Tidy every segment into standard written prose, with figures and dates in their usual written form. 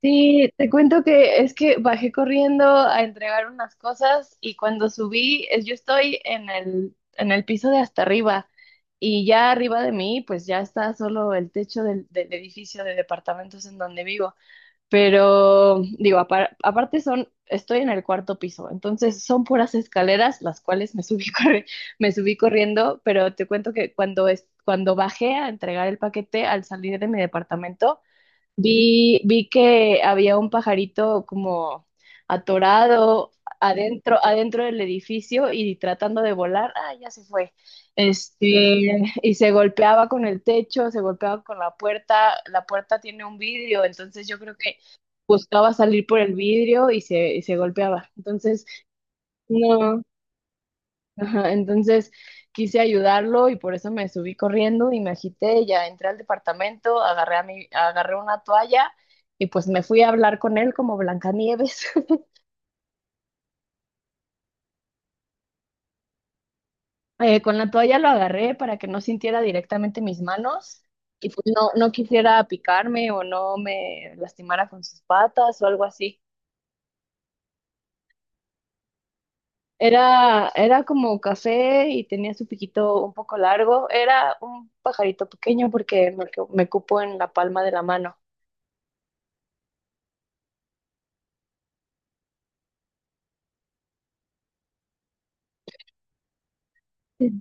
Sí, te cuento que es que bajé corriendo a entregar unas cosas y cuando subí, yo estoy en el piso de hasta arriba y ya arriba de mí, pues ya está solo el techo del edificio de departamentos en donde vivo. Pero digo, aparte son, estoy en el cuarto piso, entonces son puras escaleras las cuales me subí, me subí corriendo, pero te cuento que cuando, cuando bajé a entregar el paquete al salir de mi departamento, vi que había un pajarito como atorado adentro del edificio y tratando de volar. Ah, ya se fue. Este, y se golpeaba con el techo, se golpeaba con la puerta. La puerta tiene un vidrio, entonces yo creo que buscaba salir por el vidrio y se golpeaba. Entonces, no. Ajá, entonces quise ayudarlo y por eso me subí corriendo y me agité, ya entré al departamento, agarré una toalla y pues me fui a hablar con él como Blancanieves. Con la toalla lo agarré para que no sintiera directamente mis manos y pues no, no quisiera picarme o no me lastimara con sus patas o algo así. Era como café y tenía su piquito un poco largo. Era un pajarito pequeño porque me cupo en la palma de la mano.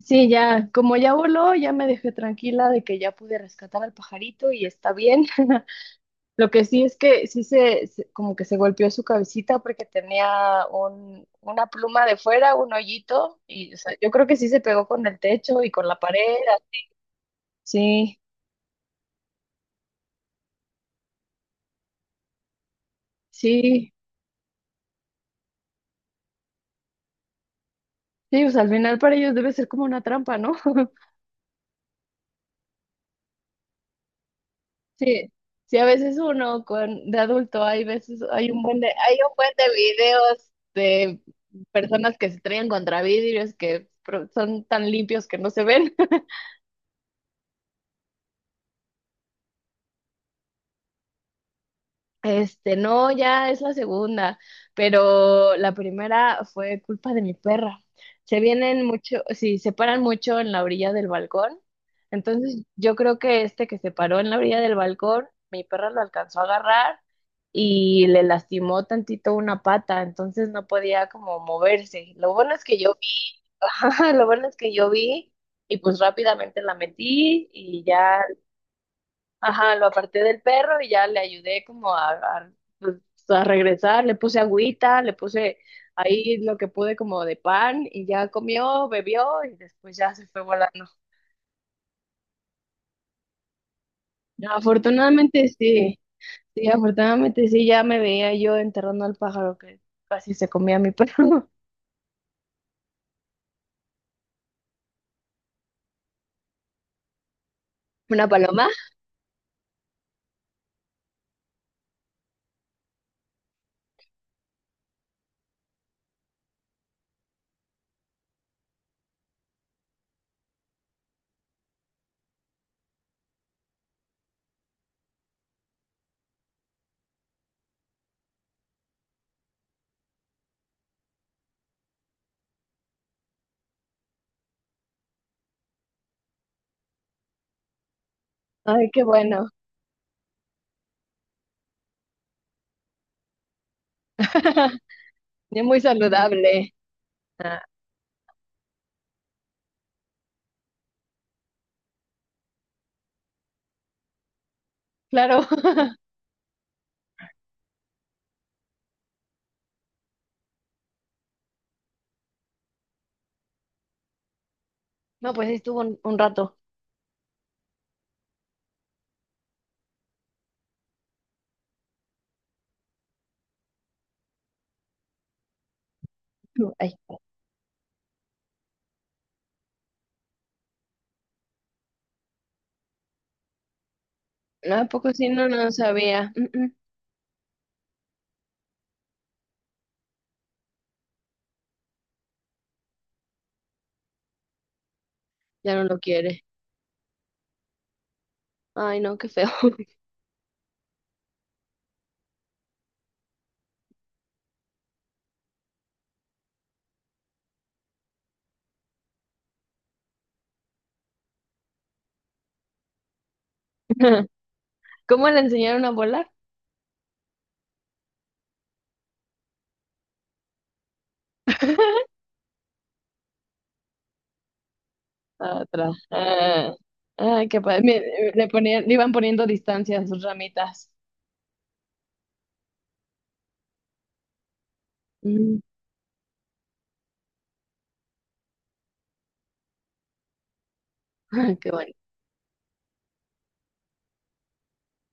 Sí, ya, como ya voló, ya me dejé tranquila de que ya pude rescatar al pajarito y está bien. Lo que sí es que sí como que se golpeó su cabecita porque tenía una pluma de fuera, un hoyito, y o sea, yo creo que sí se pegó con el techo y con la pared. Sí, sí, sí, pues al final para ellos debe ser como una trampa, ¿no? Sí, sí, a veces uno con de adulto hay veces hay un buen de hay un buen de videos de personas que se traen contra vidrios son tan limpios que no se ven. Este, no, ya es la segunda, pero la primera fue culpa de mi perra. Se vienen mucho, sí, se paran mucho en la orilla del balcón. Entonces, yo creo que este que se paró en la orilla del balcón, mi perra lo alcanzó a agarrar y le lastimó tantito una pata, entonces no podía como moverse. Lo bueno es que yo vi, ajá, lo bueno es que yo vi y pues rápidamente la metí y ya. Ajá, lo aparté del perro y ya le ayudé como pues, a regresar, le puse agüita, le puse ahí lo que pude como de pan y ya comió, bebió y después ya se fue volando. Afortunadamente sí, sí, afortunadamente sí, ya me veía yo enterrando al pájaro que casi se comía a mi perro. ¿Una paloma? Ay, qué bueno. Es muy saludable. Ah, claro. No, pues sí estuvo un rato. Ay, no, ¿a poco sí? No, no sabía. Ya no lo quiere. Ay, no, qué feo. ¿Cómo le enseñaron a volar? Atrás. Ah, ay, qué padre. Mire, le iban poniendo distancia a sus ramitas. Mm, ay, qué bueno.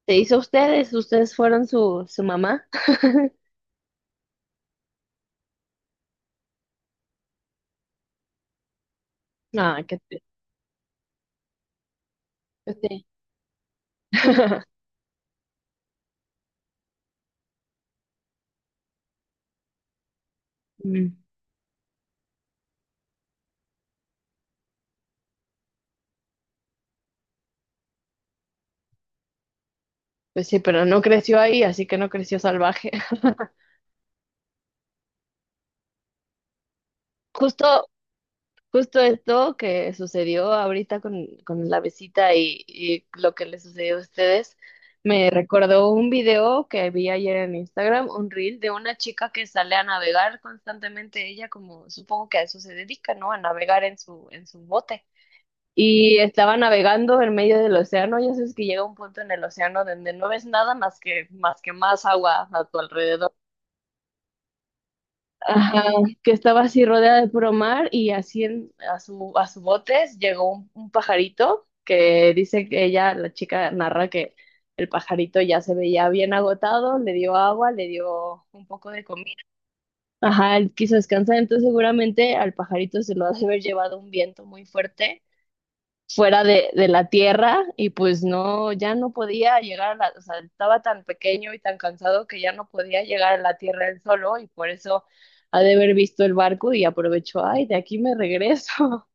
¿Se hizo ustedes? ¿Ustedes fueron su mamá? Ah, qué triste. Pues sí. Mm, pues sí, pero no creció ahí, así que no creció salvaje. Justo Justo esto que sucedió ahorita con la visita y lo que le sucedió a ustedes, me recordó un video que vi ayer en Instagram, un reel de una chica que sale a navegar constantemente, ella como supongo que a eso se dedica, ¿no? A navegar en su bote. Y estaba navegando en medio del océano, ya sabes que llega un punto en el océano donde no ves nada más que más agua a tu alrededor. Ajá, que estaba así rodeada de puro mar y a su botes llegó un pajarito que dice que la chica narra que el pajarito ya se veía bien agotado, le dio agua, le dio un poco de comida. Ajá, él quiso descansar, entonces seguramente al pajarito se lo ha de haber llevado un viento muy fuerte fuera de la tierra y pues no, ya no podía llegar a la, o sea, estaba tan pequeño y tan cansado que ya no podía llegar a la tierra él solo y por eso ha de haber visto el barco y aprovechó, ay, de aquí me regreso.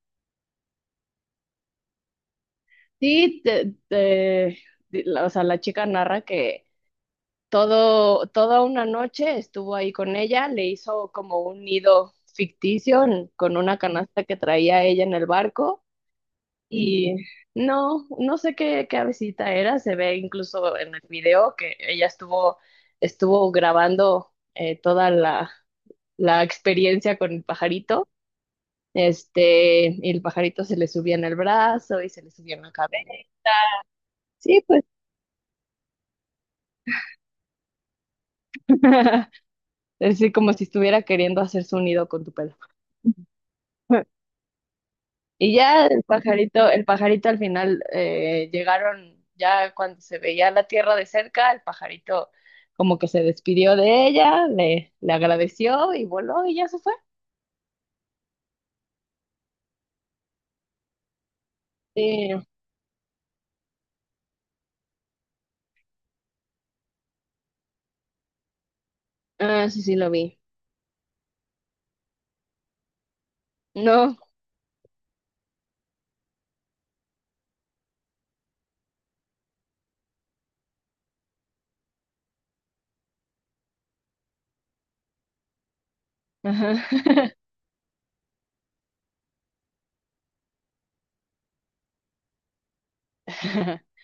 Sí, o sea, la chica narra que toda una noche estuvo ahí con ella, le hizo como un nido ficticio con una canasta que traía ella en el barco. Y no, no sé qué avecita era, se ve incluso en el video que ella estuvo grabando toda la experiencia con el pajarito, y el pajarito se le subía en el brazo y se le subía en la cabeza. Sí, pues, así como si estuviera queriendo hacer su nido con tu pelo. Y ya el pajarito al final llegaron, ya cuando se veía la tierra de cerca, el pajarito como que se despidió de ella, le agradeció y voló y ya se fue. Sí. Ah, sí, sí, lo vi. No. Ajá.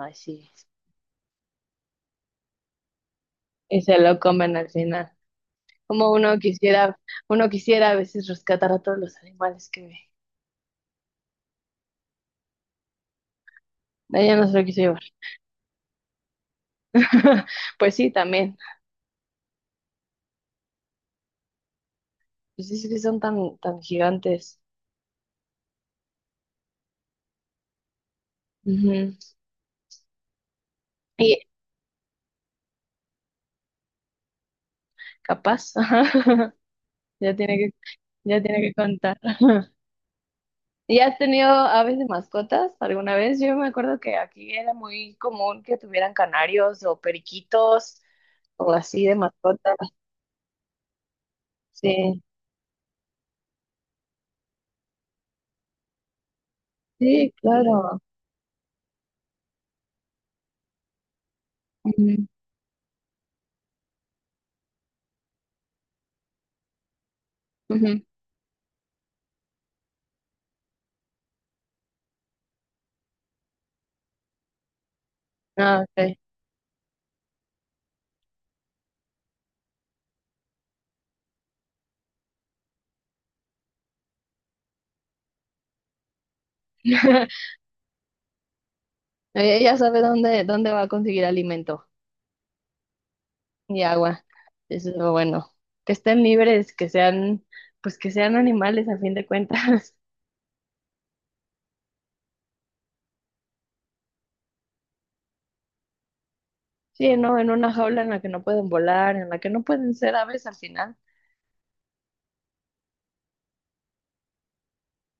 Ay, sí. Y se lo comen al final. Como uno quisiera, uno quisiera a veces rescatar a todos los animales que ve. Ella no se lo quiso llevar. Pues sí, también. Pues sí, sí que son tan, tan gigantes. Ujú. Y. Capaz, Ya tiene que, ya tiene que contar. ¿Y has tenido aves de mascotas alguna vez? Yo me acuerdo que aquí era muy común que tuvieran canarios o periquitos o así de mascotas. Sí, sí, claro. Ujú, ujú. Ah, ok. Ella sabe dónde va a conseguir alimento y agua. Eso es lo bueno. Que estén libres, pues que sean animales a fin de cuentas. Sí, ¿no? En una jaula en la que no pueden volar, en la que no pueden ser aves al final.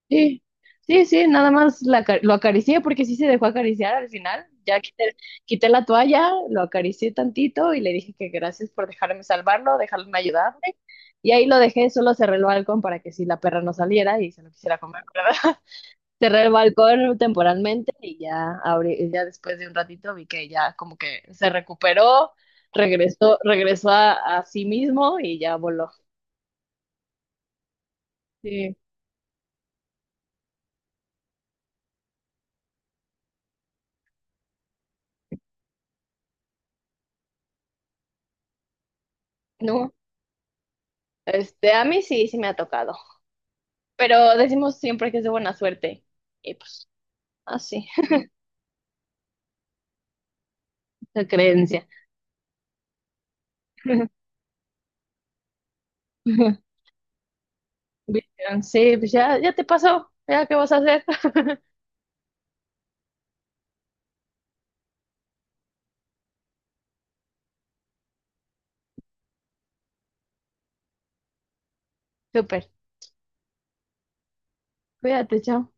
Sí, sí, sí, nada más la aca- lo acaricié porque sí se dejó acariciar al final. Quité la toalla, lo acaricié tantito y le dije que gracias por dejarme salvarlo, dejarme ayudarme. Y ahí lo dejé, solo cerré el balcón para que si la perra no saliera y se lo quisiera comer, ¿verdad? Cerré el balcón temporalmente y ya, abrí, ya después de un ratito vi que ya como que se recuperó, regresó a sí mismo y ya voló. Sí. No, a mí sí, sí me ha tocado, pero decimos siempre que es de buena suerte. Y pues, así, la creencia. Bien, sí, pues ya te pasó, ya qué vas a hacer. Súper, cuídate, chao.